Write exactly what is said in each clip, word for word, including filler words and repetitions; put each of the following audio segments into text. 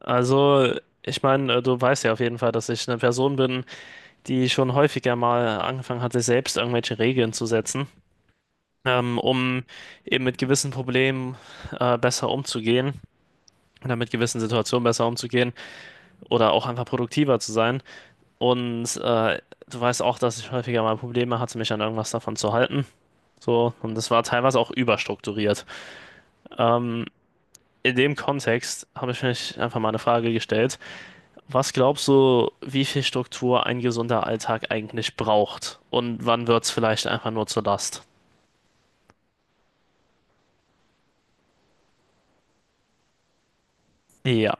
Also, ich meine, du weißt ja auf jeden Fall, dass ich eine Person bin, die schon häufiger mal angefangen hat, sich selbst irgendwelche Regeln zu setzen, ähm, um eben mit gewissen Problemen äh, besser umzugehen oder mit gewissen Situationen besser umzugehen oder auch einfach produktiver zu sein. Und äh, du weißt auch, dass ich häufiger mal Probleme hatte, mich an irgendwas davon zu halten. So, und das war teilweise auch überstrukturiert. Ähm, in dem Kontext habe ich mich einfach mal eine Frage gestellt. Was glaubst du, wie viel Struktur ein gesunder Alltag eigentlich braucht? Und wann wird es vielleicht einfach nur zur Last? Ja,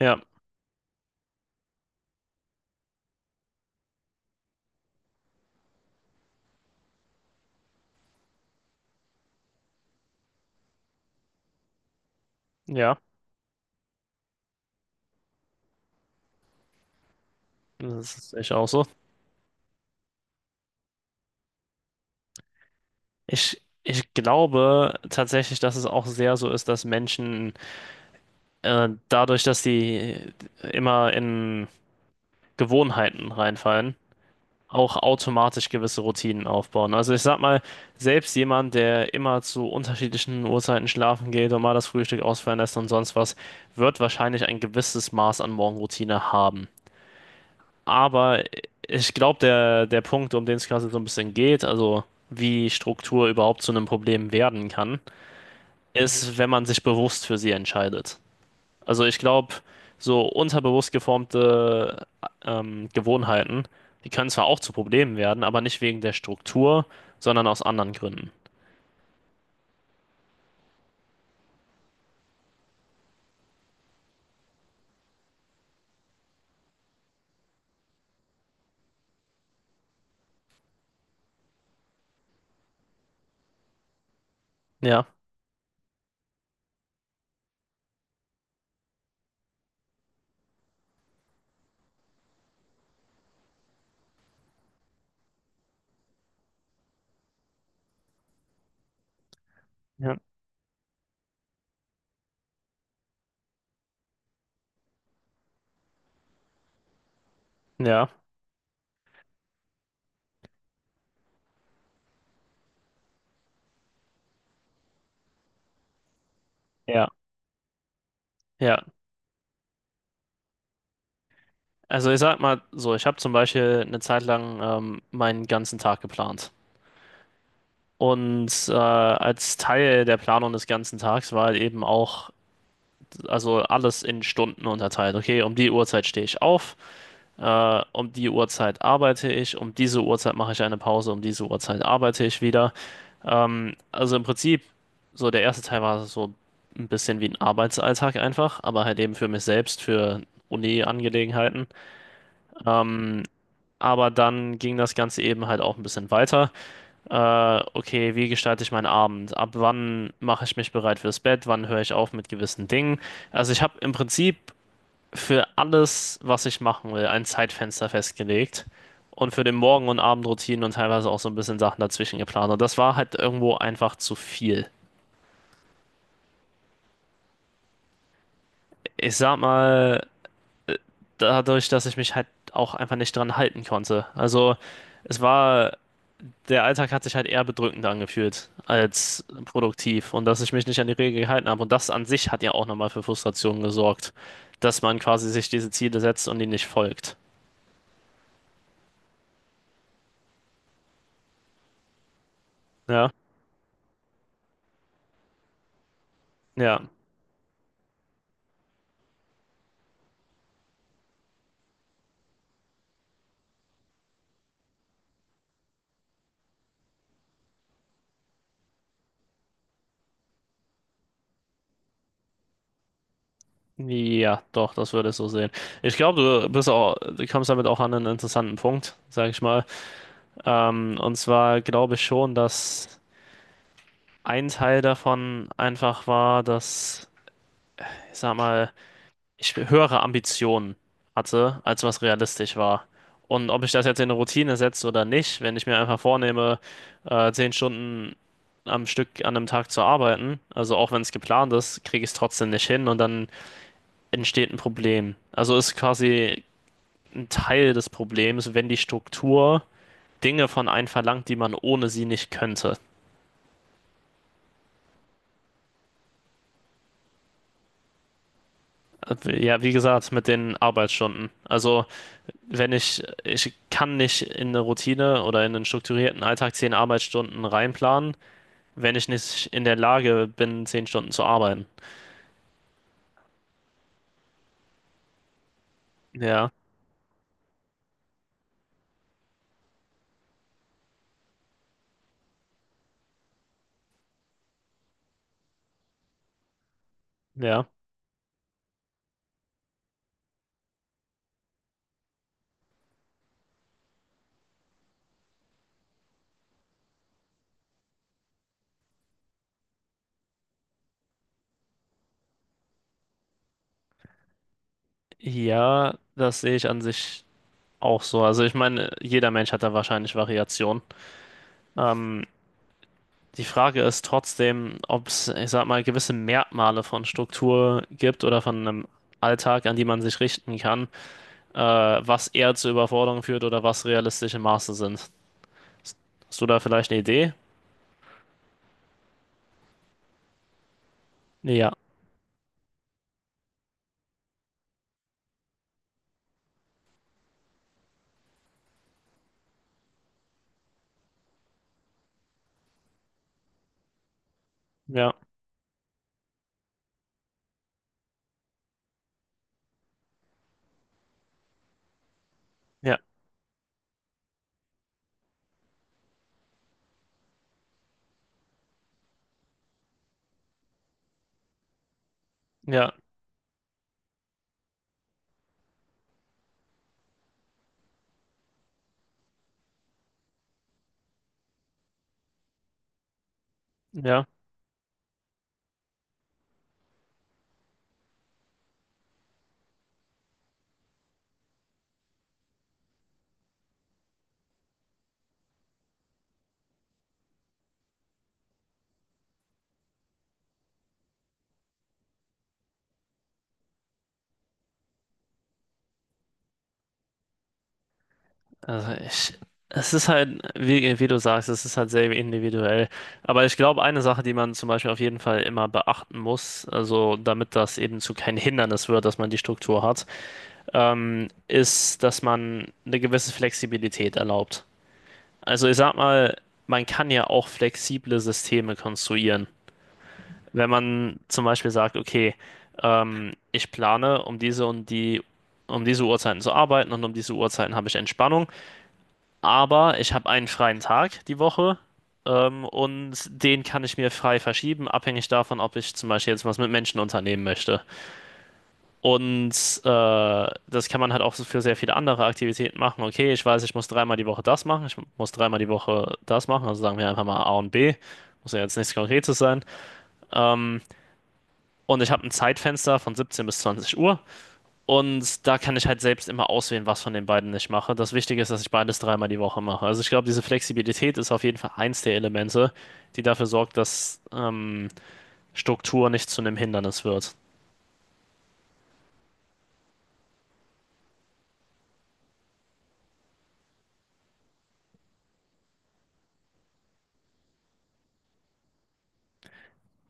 ja, ja, das ist echt auch so. Ich, ich glaube tatsächlich, dass es auch sehr so ist, dass Menschen äh, dadurch, dass sie immer in Gewohnheiten reinfallen, auch automatisch gewisse Routinen aufbauen. Also ich sag mal, selbst jemand, der immer zu unterschiedlichen Uhrzeiten schlafen geht und mal das Frühstück ausfallen lässt und sonst was, wird wahrscheinlich ein gewisses Maß an Morgenroutine haben. Aber ich glaube, der, der Punkt, um den es gerade so ein bisschen geht, also wie Struktur überhaupt zu einem Problem werden kann, Mhm, ist, wenn man sich bewusst für sie entscheidet. Also ich glaube, so unterbewusst geformte ähm, Gewohnheiten, die können zwar auch zu Problemen werden, aber nicht wegen der Struktur, sondern aus anderen Gründen. Ja, ja, ja, ja, ja. Also ich sag mal so, ich habe zum Beispiel eine Zeit lang ähm, meinen ganzen Tag geplant. Und äh, als Teil der Planung des ganzen Tags war halt eben auch, also alles in Stunden unterteilt. Okay, um die Uhrzeit stehe ich auf, Äh, um die Uhrzeit arbeite ich, um diese Uhrzeit mache ich eine Pause, um diese Uhrzeit arbeite ich wieder. Ähm, also im Prinzip, so der erste Teil war so ein bisschen wie ein Arbeitsalltag einfach, aber halt eben für mich selbst, für Uni-Angelegenheiten. Ähm, aber dann ging das Ganze eben halt auch ein bisschen weiter. Äh, okay, wie gestalte ich meinen Abend? Ab wann mache ich mich bereit fürs Bett? Wann höre ich auf mit gewissen Dingen? Also ich habe im Prinzip für alles, was ich machen will, ein Zeitfenster festgelegt und für den Morgen- und Abendroutinen und teilweise auch so ein bisschen Sachen dazwischen geplant. Und das war halt irgendwo einfach zu viel. Ich sag mal, dadurch, dass ich mich halt auch einfach nicht dran halten konnte. Also es war, der Alltag hat sich halt eher bedrückend angefühlt als produktiv. Und dass ich mich nicht an die Regeln gehalten habe. Und das an sich hat ja auch nochmal für Frustration gesorgt, dass man quasi sich diese Ziele setzt und die nicht folgt. Ja, ja. Ja, doch, das würde ich so sehen. Ich glaube, du bist auch, du kommst damit auch an einen interessanten Punkt, sag ich mal. Ähm, und zwar glaube ich schon, dass ein Teil davon einfach war, dass, ich sag mal, ich höhere Ambitionen hatte, als was realistisch war. Und ob ich das jetzt in eine Routine setze oder nicht, wenn ich mir einfach vornehme, äh, zehn Stunden am Stück an einem Tag zu arbeiten, also auch wenn es geplant ist, kriege ich es trotzdem nicht hin und dann entsteht ein Problem. Also ist quasi ein Teil des Problems, wenn die Struktur Dinge von einem verlangt, die man ohne sie nicht könnte. Ja, wie gesagt, mit den Arbeitsstunden. Also, wenn ich, ich kann nicht in eine Routine oder in einen strukturierten Alltag zehn Arbeitsstunden reinplanen, wenn ich nicht in der Lage bin, zehn Stunden zu arbeiten. Ja, ja. Ja, das sehe ich an sich auch so. Also, ich meine, jeder Mensch hat da wahrscheinlich Variationen. Ähm, Die Frage ist trotzdem, ob es, ich sag mal, gewisse Merkmale von Struktur gibt oder von einem Alltag, an die man sich richten kann, äh, was eher zu Überforderung führt oder was realistische Maße sind. Hast du da vielleicht eine Idee? Ja, ja, ja, ja, ja. Also ich, es ist halt, wie, wie du sagst, es ist halt sehr individuell. Aber ich glaube, eine Sache, die man zum Beispiel auf jeden Fall immer beachten muss, also damit das eben zu kein Hindernis wird, dass man die Struktur hat, ähm, ist, dass man eine gewisse Flexibilität erlaubt. Also ich sag mal, man kann ja auch flexible Systeme konstruieren. Wenn man zum Beispiel sagt, okay, ähm, ich plane, um diese und die, um diese Uhrzeiten zu arbeiten und um diese Uhrzeiten habe ich Entspannung, aber ich habe einen freien Tag die Woche. Ähm, und den kann ich mir frei verschieben, abhängig davon, ob ich zum Beispiel jetzt was mit Menschen unternehmen möchte. Und äh, das kann man halt auch so für sehr viele andere Aktivitäten machen. Okay, ich weiß, ich muss dreimal die Woche das machen, ich muss dreimal die Woche das machen, also sagen wir einfach mal A und B. Muss ja jetzt nichts Konkretes sein. Ähm, und ich habe ein Zeitfenster von siebzehn bis zwanzig Uhr. Und da kann ich halt selbst immer auswählen, was von den beiden ich mache. Das Wichtige ist, dass ich beides dreimal die Woche mache. Also ich glaube, diese Flexibilität ist auf jeden Fall eins der Elemente, die dafür sorgt, dass ähm, Struktur nicht zu einem Hindernis wird.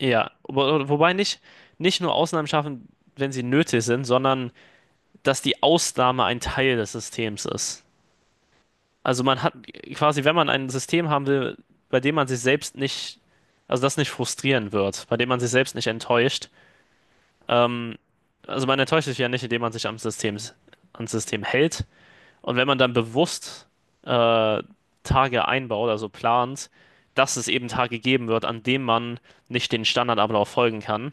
Ja, wo- wobei nicht, nicht nur Ausnahmen schaffen, wenn sie nötig sind, sondern dass die Ausnahme ein Teil des Systems ist. Also man hat quasi, wenn man ein System haben will, bei dem man sich selbst nicht, also das nicht frustrieren wird, bei dem man sich selbst nicht enttäuscht, ähm, also man enttäuscht sich ja nicht, indem man sich am System, ans System hält. Und wenn man dann bewusst äh, Tage einbaut, also plant, dass es eben Tage geben wird, an denen man nicht den Standardablauf folgen kann,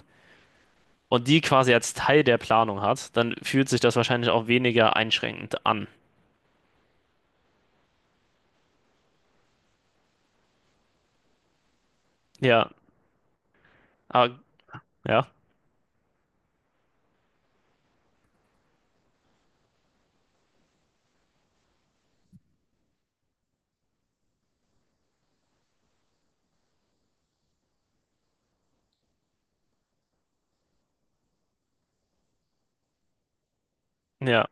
und die quasi als Teil der Planung hat, dann fühlt sich das wahrscheinlich auch weniger einschränkend an. Ja, ah, ja, ja,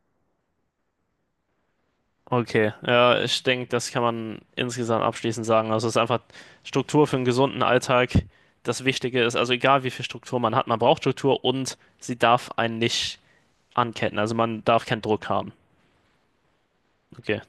okay. Ja, ich denke, das kann man insgesamt abschließend sagen. Also es ist einfach Struktur für einen gesunden Alltag. Das Wichtige ist, also egal wie viel Struktur man hat, man braucht Struktur und sie darf einen nicht anketten. Also man darf keinen Druck haben. Okay.